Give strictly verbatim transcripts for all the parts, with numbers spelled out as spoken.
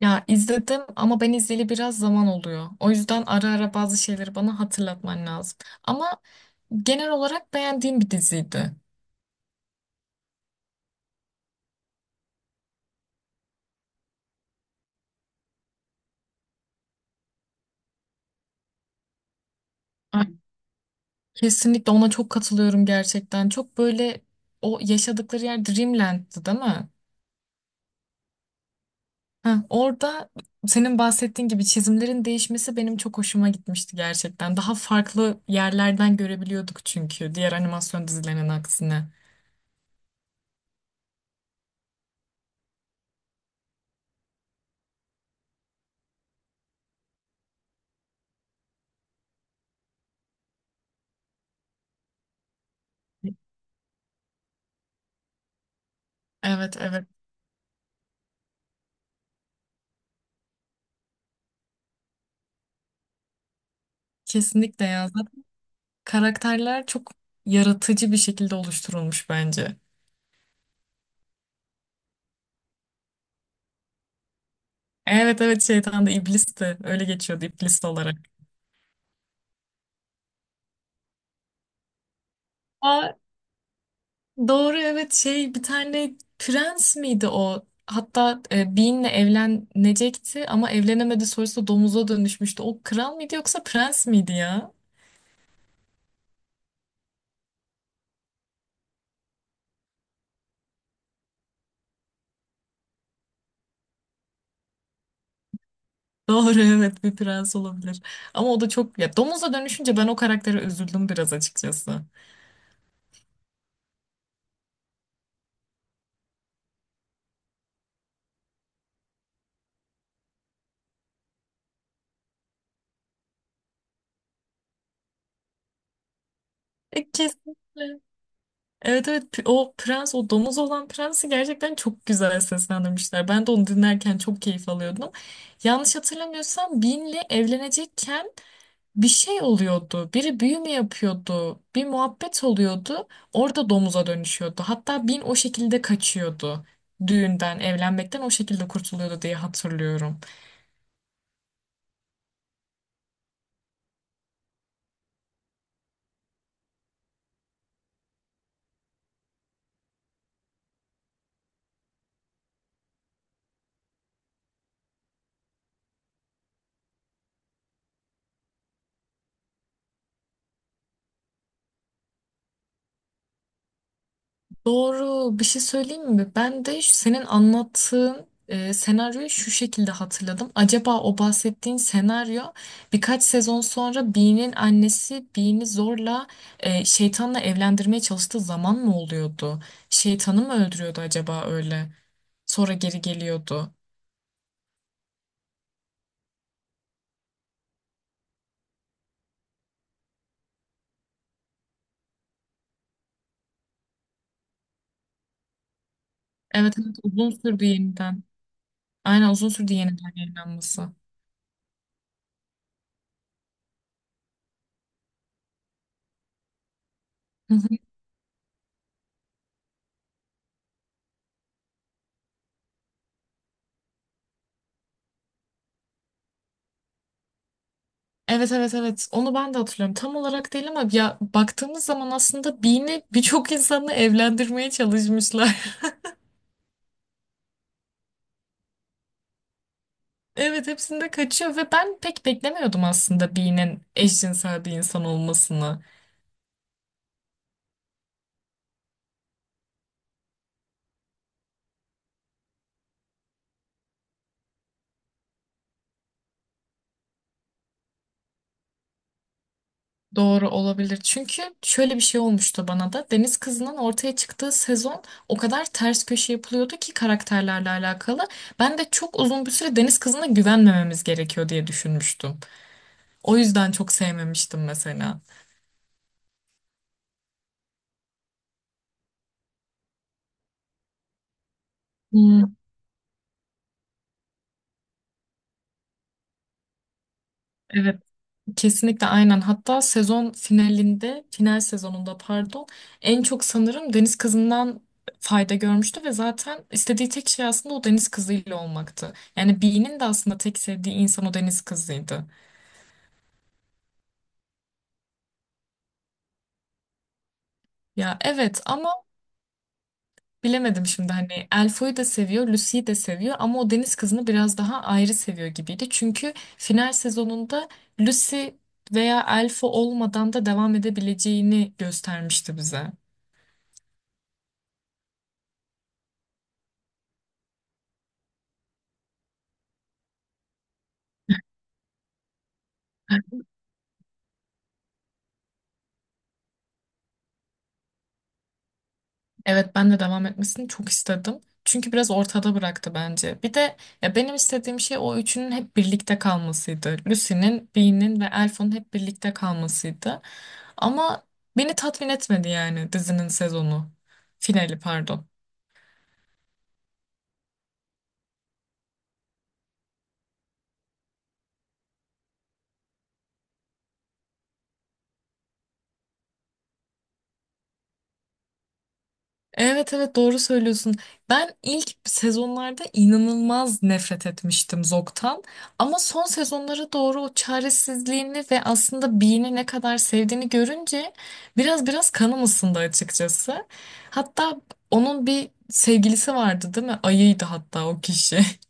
Ya izledim ama ben izleyeli biraz zaman oluyor. O yüzden ara ara bazı şeyleri bana hatırlatman lazım. Ama genel olarak beğendiğim bir diziydi. Ay, Kesinlikle ona çok katılıyorum gerçekten. Çok böyle o yaşadıkları yer Dreamland'dı değil mi? Heh, orada senin bahsettiğin gibi çizimlerin değişmesi benim çok hoşuma gitmişti gerçekten. Daha farklı yerlerden görebiliyorduk çünkü diğer animasyon dizilerinin aksine. Evet evet kesinlikle ya. Karakterler çok yaratıcı bir şekilde oluşturulmuş bence. Evet evet şeytan da iblis de öyle geçiyordu iblis olarak. Aa, doğru evet şey bir tane prens miydi o? Hatta e, Bean'le evlenecekti ama evlenemedi sonrasında domuza dönüşmüştü. O kral mıydı yoksa prens miydi ya? Doğru evet bir prens olabilir. Ama o da çok ya domuza dönüşünce ben o karaktere üzüldüm biraz açıkçası. E, kesinlikle. Evet evet P- o prens o domuz olan prensi gerçekten çok güzel seslendirmişler. Ben de onu dinlerken çok keyif alıyordum. Yanlış hatırlamıyorsam Bean'le evlenecekken bir şey oluyordu. Biri büyü mü yapıyordu? Bir muhabbet oluyordu. Orada domuza dönüşüyordu. Hatta Bin o şekilde kaçıyordu. Düğünden, evlenmekten o şekilde kurtuluyordu diye hatırlıyorum. Doğru. Bir şey söyleyeyim mi? Ben de şu- senin anlattığın e, senaryoyu şu şekilde hatırladım. Acaba o bahsettiğin senaryo birkaç sezon sonra Bee'nin annesi Bee'ni zorla e, şeytanla evlendirmeye çalıştığı zaman mı oluyordu? Şeytanı mı öldürüyordu acaba öyle? Sonra geri geliyordu. Evet, evet uzun sürdü yeniden. Aynen uzun sürdü yeniden yayınlanması. Evet evet evet onu ben de hatırlıyorum. Tam olarak değil ama ya baktığımız zaman aslında Bean'i birçok insanla evlendirmeye çalışmışlar. Evet hepsinde kaçıyor ve ben pek beklemiyordum aslında Bean'in eşcinsel bir insan olmasını. Doğru olabilir. Çünkü şöyle bir şey olmuştu bana da. Deniz Kızı'nın ortaya çıktığı sezon o kadar ters köşe yapılıyordu ki karakterlerle alakalı. Ben de çok uzun bir süre Deniz Kızı'na güvenmememiz gerekiyor diye düşünmüştüm. O yüzden çok sevmemiştim mesela. Hmm, evet. Kesinlikle aynen. Hatta sezon finalinde, final sezonunda pardon, en çok sanırım deniz kızından fayda görmüştü ve zaten istediği tek şey aslında o deniz kızıyla olmaktı. Yani Bee'nin de aslında tek sevdiği insan o deniz kızıydı. Ya evet ama bilemedim şimdi hani Elfo'yu da seviyor, Lucy'yi de seviyor ama o deniz kızını biraz daha ayrı seviyor gibiydi. Çünkü final sezonunda Lucy veya Elfo olmadan da devam edebileceğini göstermişti bize. Evet ben de devam etmesini çok istedim. Çünkü biraz ortada bıraktı bence. Bir de ya benim istediğim şey o üçünün hep birlikte kalmasıydı. Lucy'nin, Bean'in ve Elf'in hep birlikte kalmasıydı. Ama beni tatmin etmedi yani dizinin sezonu. Finali pardon. Evet evet doğru söylüyorsun. Ben ilk sezonlarda inanılmaz nefret etmiştim Zog'tan. Ama son sezonlara doğru o çaresizliğini ve aslında Bean'i ne kadar sevdiğini görünce biraz biraz kanım ısındı açıkçası. Hatta onun bir sevgilisi vardı değil mi? Ayıydı hatta o kişi.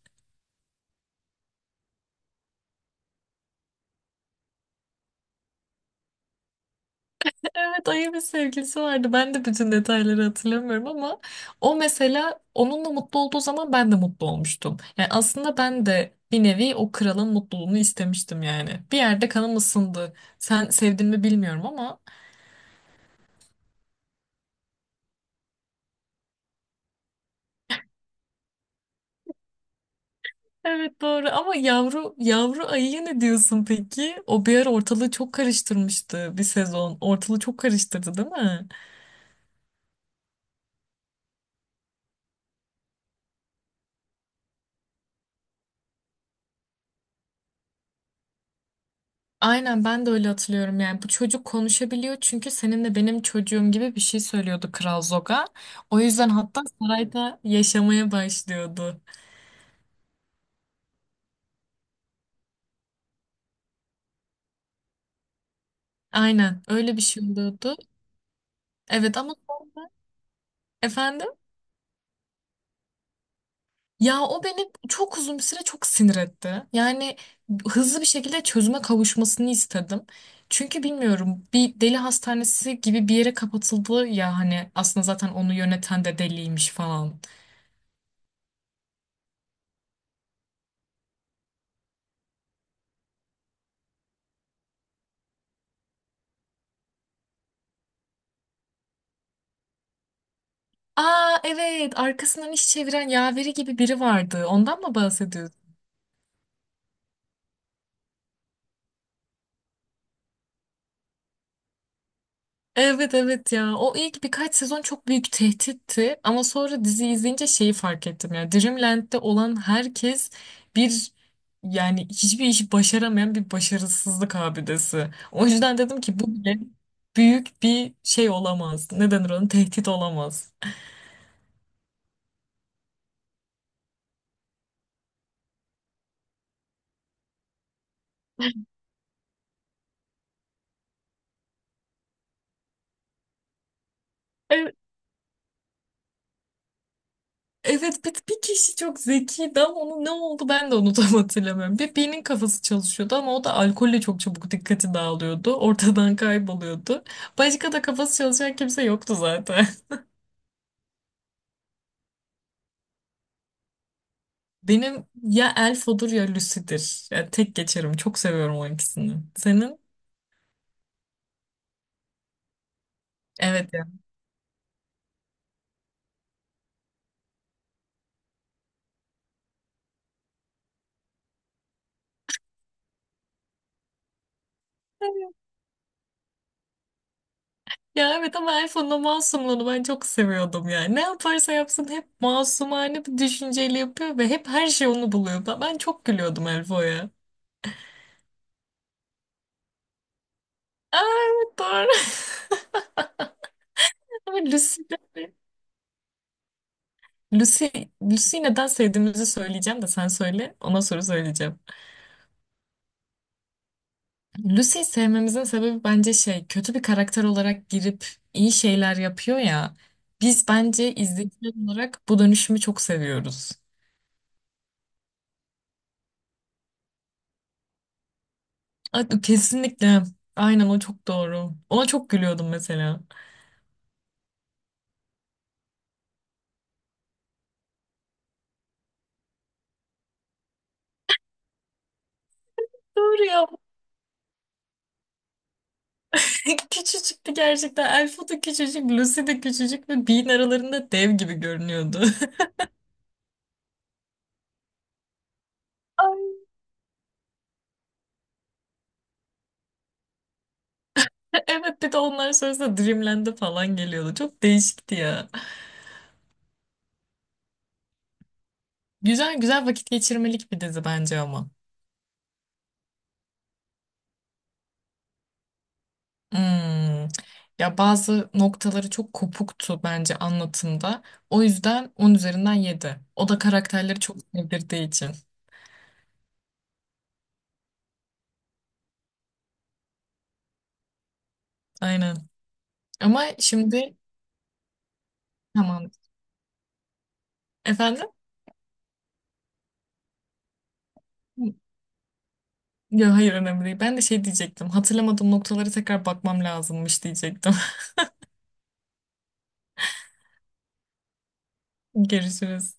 Evet ayı bir sevgilisi vardı. Ben de bütün detayları hatırlamıyorum ama o mesela onunla mutlu olduğu zaman ben de mutlu olmuştum. Yani aslında ben de bir nevi o kralın mutluluğunu istemiştim yani. Bir yerde kanım ısındı. Sen sevdin mi bilmiyorum ama. Evet doğru ama yavru yavru ayıya ne diyorsun peki? O bir ara ortalığı çok karıştırmıştı bir sezon. Ortalığı çok karıştırdı değil mi? Aynen ben de öyle hatırlıyorum yani bu çocuk konuşabiliyor çünkü senin de benim çocuğum gibi bir şey söylüyordu Kral Zoga. O yüzden hatta sarayda yaşamaya başlıyordu. Aynen öyle bir şey oluyordu. Evet ama son- efendim? Ya o beni çok uzun bir süre çok sinir etti. Yani hızlı bir şekilde çözüme kavuşmasını istedim. Çünkü bilmiyorum bir deli hastanesi gibi bir yere kapatıldı ya hani aslında zaten onu yöneten de deliymiş falan. Aa evet arkasından iş çeviren yaveri gibi biri vardı. Ondan mı bahsediyorsun? Evet evet ya o ilk birkaç sezon çok büyük tehditti ama sonra dizi izleyince şeyi fark ettim ya Dreamland'de olan herkes bir, yani hiçbir işi başaramayan bir başarısızlık abidesi. O yüzden dedim ki bu bile büyük bir şey olamaz. Ne denir onun tehdit olamaz. Evet bir, bir kişi çok zekiydi ama onun ne oldu ben de onu tam hatırlamıyorum. Bir birinin kafası çalışıyordu ama o da alkolle çok çabuk dikkati dağılıyordu. Ortadan kayboluyordu. Başka da kafası çalışan kimse yoktu zaten. Benim ya Elf olur ya Lucy'dir. Yani tek geçerim. Çok seviyorum o ikisini. Senin? Evet ya. Ya evet ama Elf'in o masumluğunu ben çok seviyordum yani. Ne yaparsa yapsın hep masumane bir düşünceyle yapıyor ve hep her şey onu buluyor. Ben, ben çok gülüyordum Elfo'ya. Aa, evet doğru. Ama Lucy'de Lucy, Lucy'yi neden sevdiğimizi söyleyeceğim de sen söyle, ona soru söyleyeceğim. Lucy'yi sevmemizin sebebi bence şey, kötü bir karakter olarak girip iyi şeyler yapıyor ya. Biz bence izleyiciler olarak bu dönüşümü çok seviyoruz. A- Kesinlikle. Aynen o çok doğru. Ona çok gülüyordum mesela. Doğru ya. Küçücüktü gerçekten. Elfo da küçücük, Lucy de küçücük ve Bean aralarında dev gibi görünüyordu. Evet bir de onların sırasında Dreamland'e falan geliyordu. Çok değişikti ya. Güzel güzel vakit geçirmelik bir dizi bence ama. Hmm. Ya bazı noktaları çok kopuktu bence anlatımda. O yüzden on üzerinden yedi. O da karakterleri çok sevdirdiği için. Aynen. Ama şimdi tamam. Efendim? Ya hayır önemli değil. Ben de şey diyecektim. Hatırlamadığım noktalara tekrar bakmam lazımmış diyecektim. Görüşürüz.